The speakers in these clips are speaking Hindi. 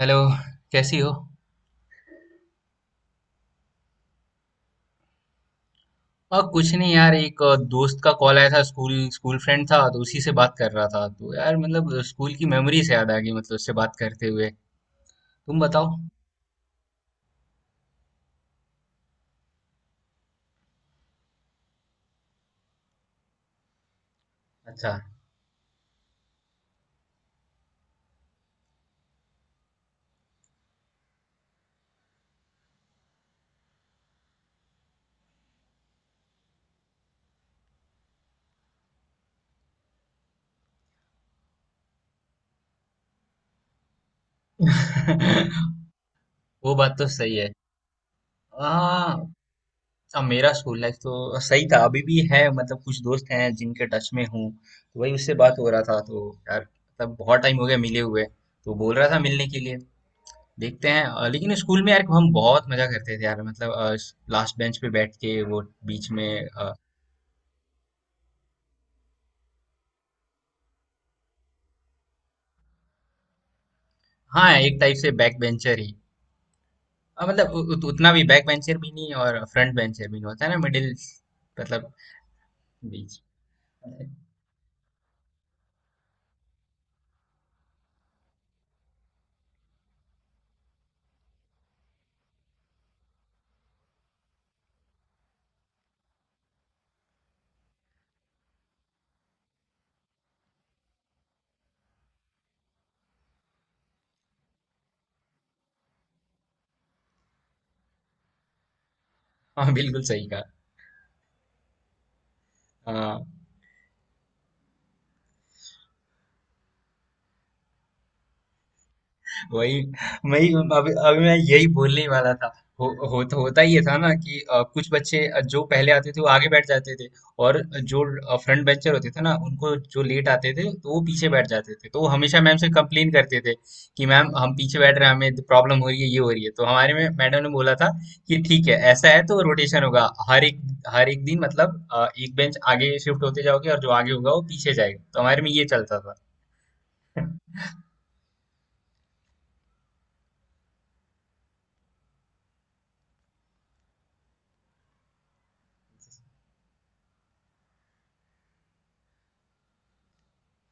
हेलो। कैसी हो। और कुछ नहीं यार, एक दोस्त का कॉल आया था। स्कूल स्कूल फ्रेंड था, तो उसी से बात कर रहा था। तो यार मतलब स्कूल की मेमोरी से याद आ गई, मतलब उससे बात करते हुए। तुम बताओ। अच्छा। वो बात तो सही है। आ, अब मेरा स्कूल लाइफ तो सही था, अभी भी है। मतलब कुछ दोस्त हैं जिनके टच में हूँ, तो वही, उससे बात हो रहा था। तो यार मतलब बहुत टाइम हो गया मिले हुए। तो बोल रहा था मिलने के लिए। देखते हैं। लेकिन स्कूल में यार हम बहुत मजा करते थे यार, मतलब लास्ट बेंच पे बैठ के वो, बीच में हाँ, एक टाइप से बैक बेंचर ही। मतलब उतना भी बैक बेंचर भी नहीं और फ्रंट बेंचर भी नहीं। होता है ना मिडिल, मतलब बीच। हाँ, बिल्कुल सही कहा। हाँ। वही वही, अभी अभी मैं यही बोलने ही वाला था। होता ये था ना, कि कुछ बच्चे जो पहले आते थे वो आगे बैठ जाते थे। और जो फ्रंट बेंचर होते थे ना, उनको जो लेट आते थे तो वो पीछे बैठ जाते थे। तो वो हमेशा मैम से कंप्लेन करते थे कि मैम हम पीछे बैठ रहे हैं, हमें प्रॉब्लम हो रही है, ये हो रही है। तो हमारे में मैडम ने बोला था कि ठीक है, ऐसा है तो रोटेशन होगा। हर एक दिन मतलब एक बेंच आगे शिफ्ट होते जाओगे और जो आगे होगा वो पीछे जाएगा। तो हमारे में ये चलता था।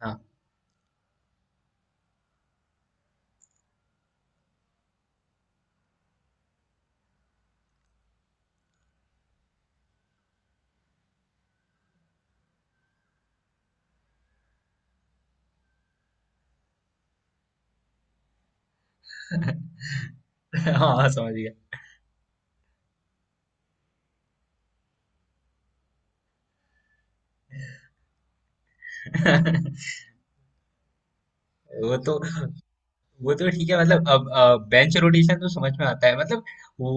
हाँ। हाँ, समझ गया। वो तो वो तो ठीक है, मतलब अब बेंच रोटेशन तो समझ में आता है। मतलब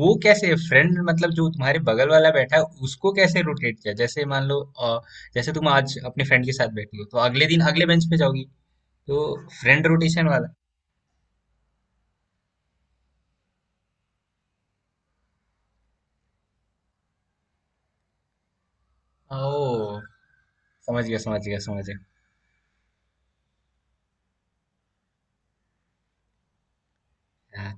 वो कैसे, फ्रेंड मतलब जो तुम्हारे बगल वाला बैठा है उसको कैसे रोटेट किया? जैसे मान लो जैसे तुम आज अपने फ्रेंड के साथ बैठी हो तो अगले दिन अगले बेंच पे जाओगी। तो फ्रेंड रोटेशन वाला। ओ, समझ गया, समझ गया, समझ गया। हाँ,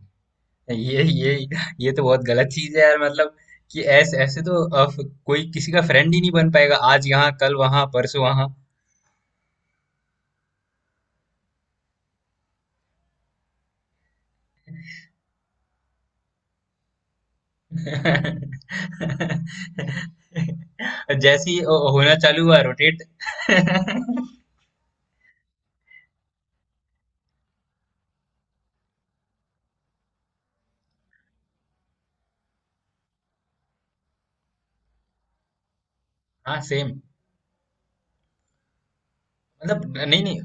ये ये ये तो बहुत गलत चीज है यार, मतलब कि ऐसे ऐसे तो कोई किसी का फ्रेंड ही नहीं बन पाएगा। आज यहाँ कल वहां परसों वहां। जैसे ही होना चालू हुआ रोटेट। हाँ। सेम। मतलब नहीं नहीं,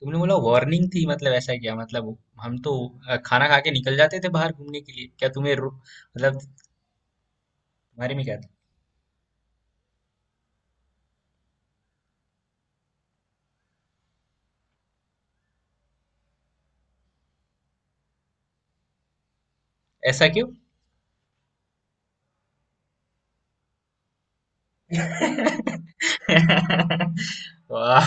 तुमने बोला वार्निंग थी, मतलब ऐसा क्या? मतलब हम तो खाना खा के निकल जाते थे बाहर घूमने के लिए। क्या तुम्हें मतलब तुम्हारे में क्या था? ऐसा क्यों? वाह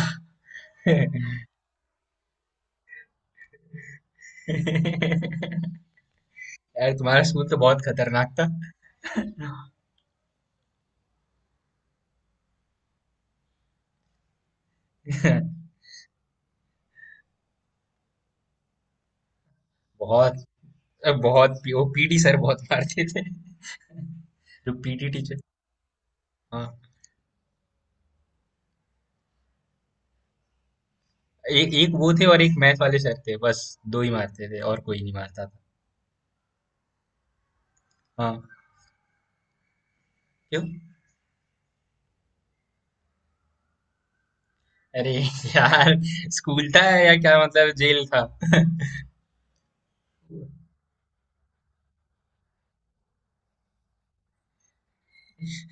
यार, तुम्हारा स्कूल तो बहुत खतरनाक था। बहुत। अ, बहुत वो पीटी सर बहुत मारते थे। जो पीटी टीचर। हाँ, एक एक वो थे और एक मैथ वाले सर थे, बस। दो ही मारते थे और कोई नहीं मारता था। हाँ। क्यों? अरे! यार स्कूल था या क्या, मतलब जेल था?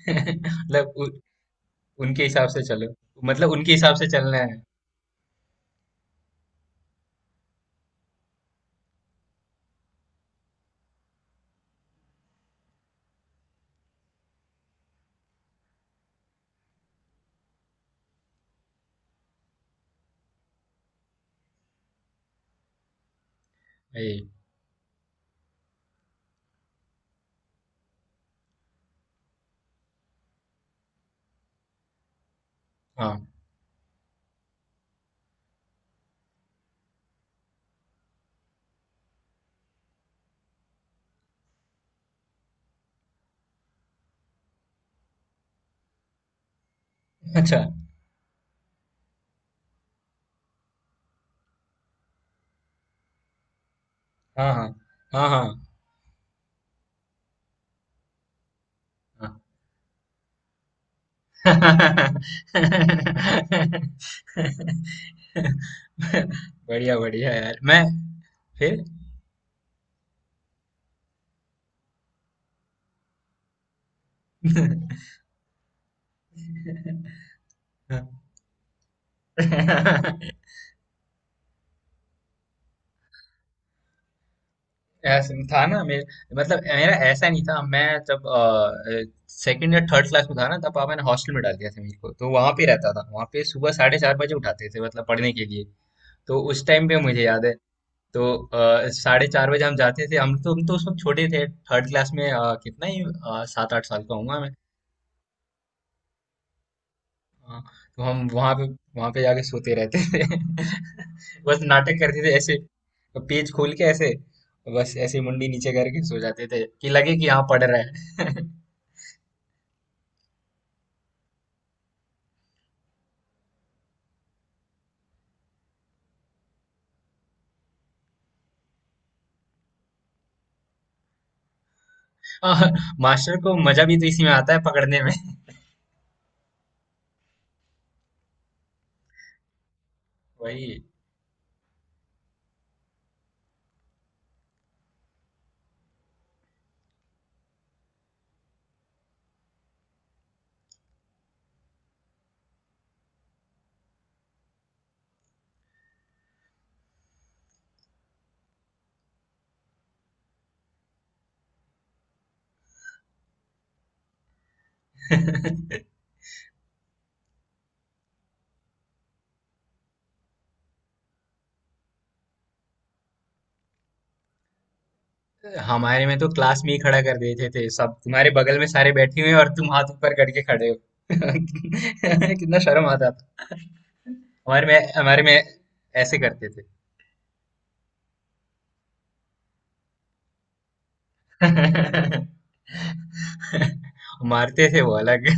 मतलब उनके हिसाब से चलो। मतलब उनके हिसाब से चलना है। ये हाँ। अच्छा। हाँ हाँ हाँ हाँ हाँ। बढ़िया बढ़िया यार। मैं फिर। ऐसा था ना मेरे मतलब मेरा ऐसा नहीं था। मैं जब सेकंड या थर्ड क्लास में था ना, तब पापा ने हॉस्टल में डाल दिया था मेरे को। तो वहां पे रहता था। वहां पे सुबह 4:30 बजे उठाते थे, मतलब पढ़ने के लिए। तो उस टाइम पे मुझे याद है, तो 4:30 बजे हम जाते थे। हम तो उस वक्त छोटे थे। थर्ड क्लास में कितना ही 7-8 साल का हूँ। हाँ, तो हम वहां पे जाके सोते रहते थे। बस नाटक करते थे ऐसे। तो पेज खोल के ऐसे, बस ऐसे मुंडी नीचे करके सो जाते थे, कि लगे कि हाँ पढ़ रहा है। और मास्टर को मजा भी तो इसी में आता है, पकड़ने में। वही। हमारे में तो क्लास में ही खड़ा कर देते थे। सब तुम्हारे बगल में सारे बैठे हुए हैं और तुम हाथ ऊपर करके खड़े हो। कितना शर्म आता था। हमारे में ऐसे करते थे। मारते थे वो अलग।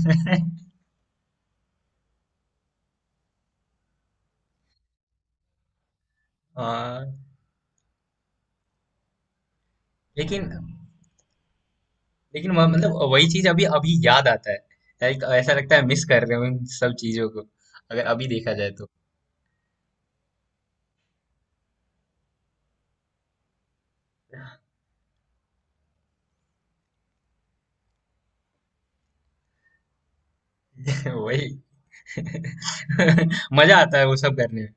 आ, लेकिन लेकिन वह- मतलब वही चीज अभी अभी याद आता है। लाइक ऐसा लगता है मिस कर रहे हो इन सब चीजों को, अगर अभी देखा जाए तो। वही। मजा आता है वो सब करने में।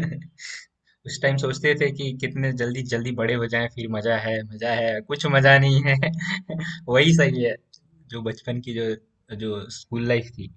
उस टाइम सोचते थे कि कितने जल्दी जल्दी बड़े हो जाएं। फिर मजा है, मजा है, कुछ मजा नहीं है। वही सही है। जो बचपन की, जो जो स्कूल लाइफ थी।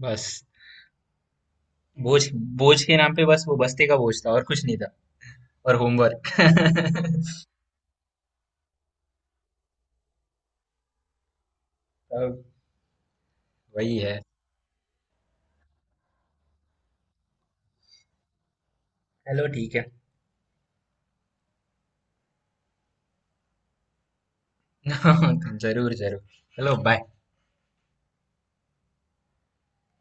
बस, बोझ बोझ के नाम पे बस वो बस्ते का बोझ था और कुछ नहीं था। और होमवर्क। सब वही है। चलो, ठीक है। जरूर जरूर। चलो, बाय।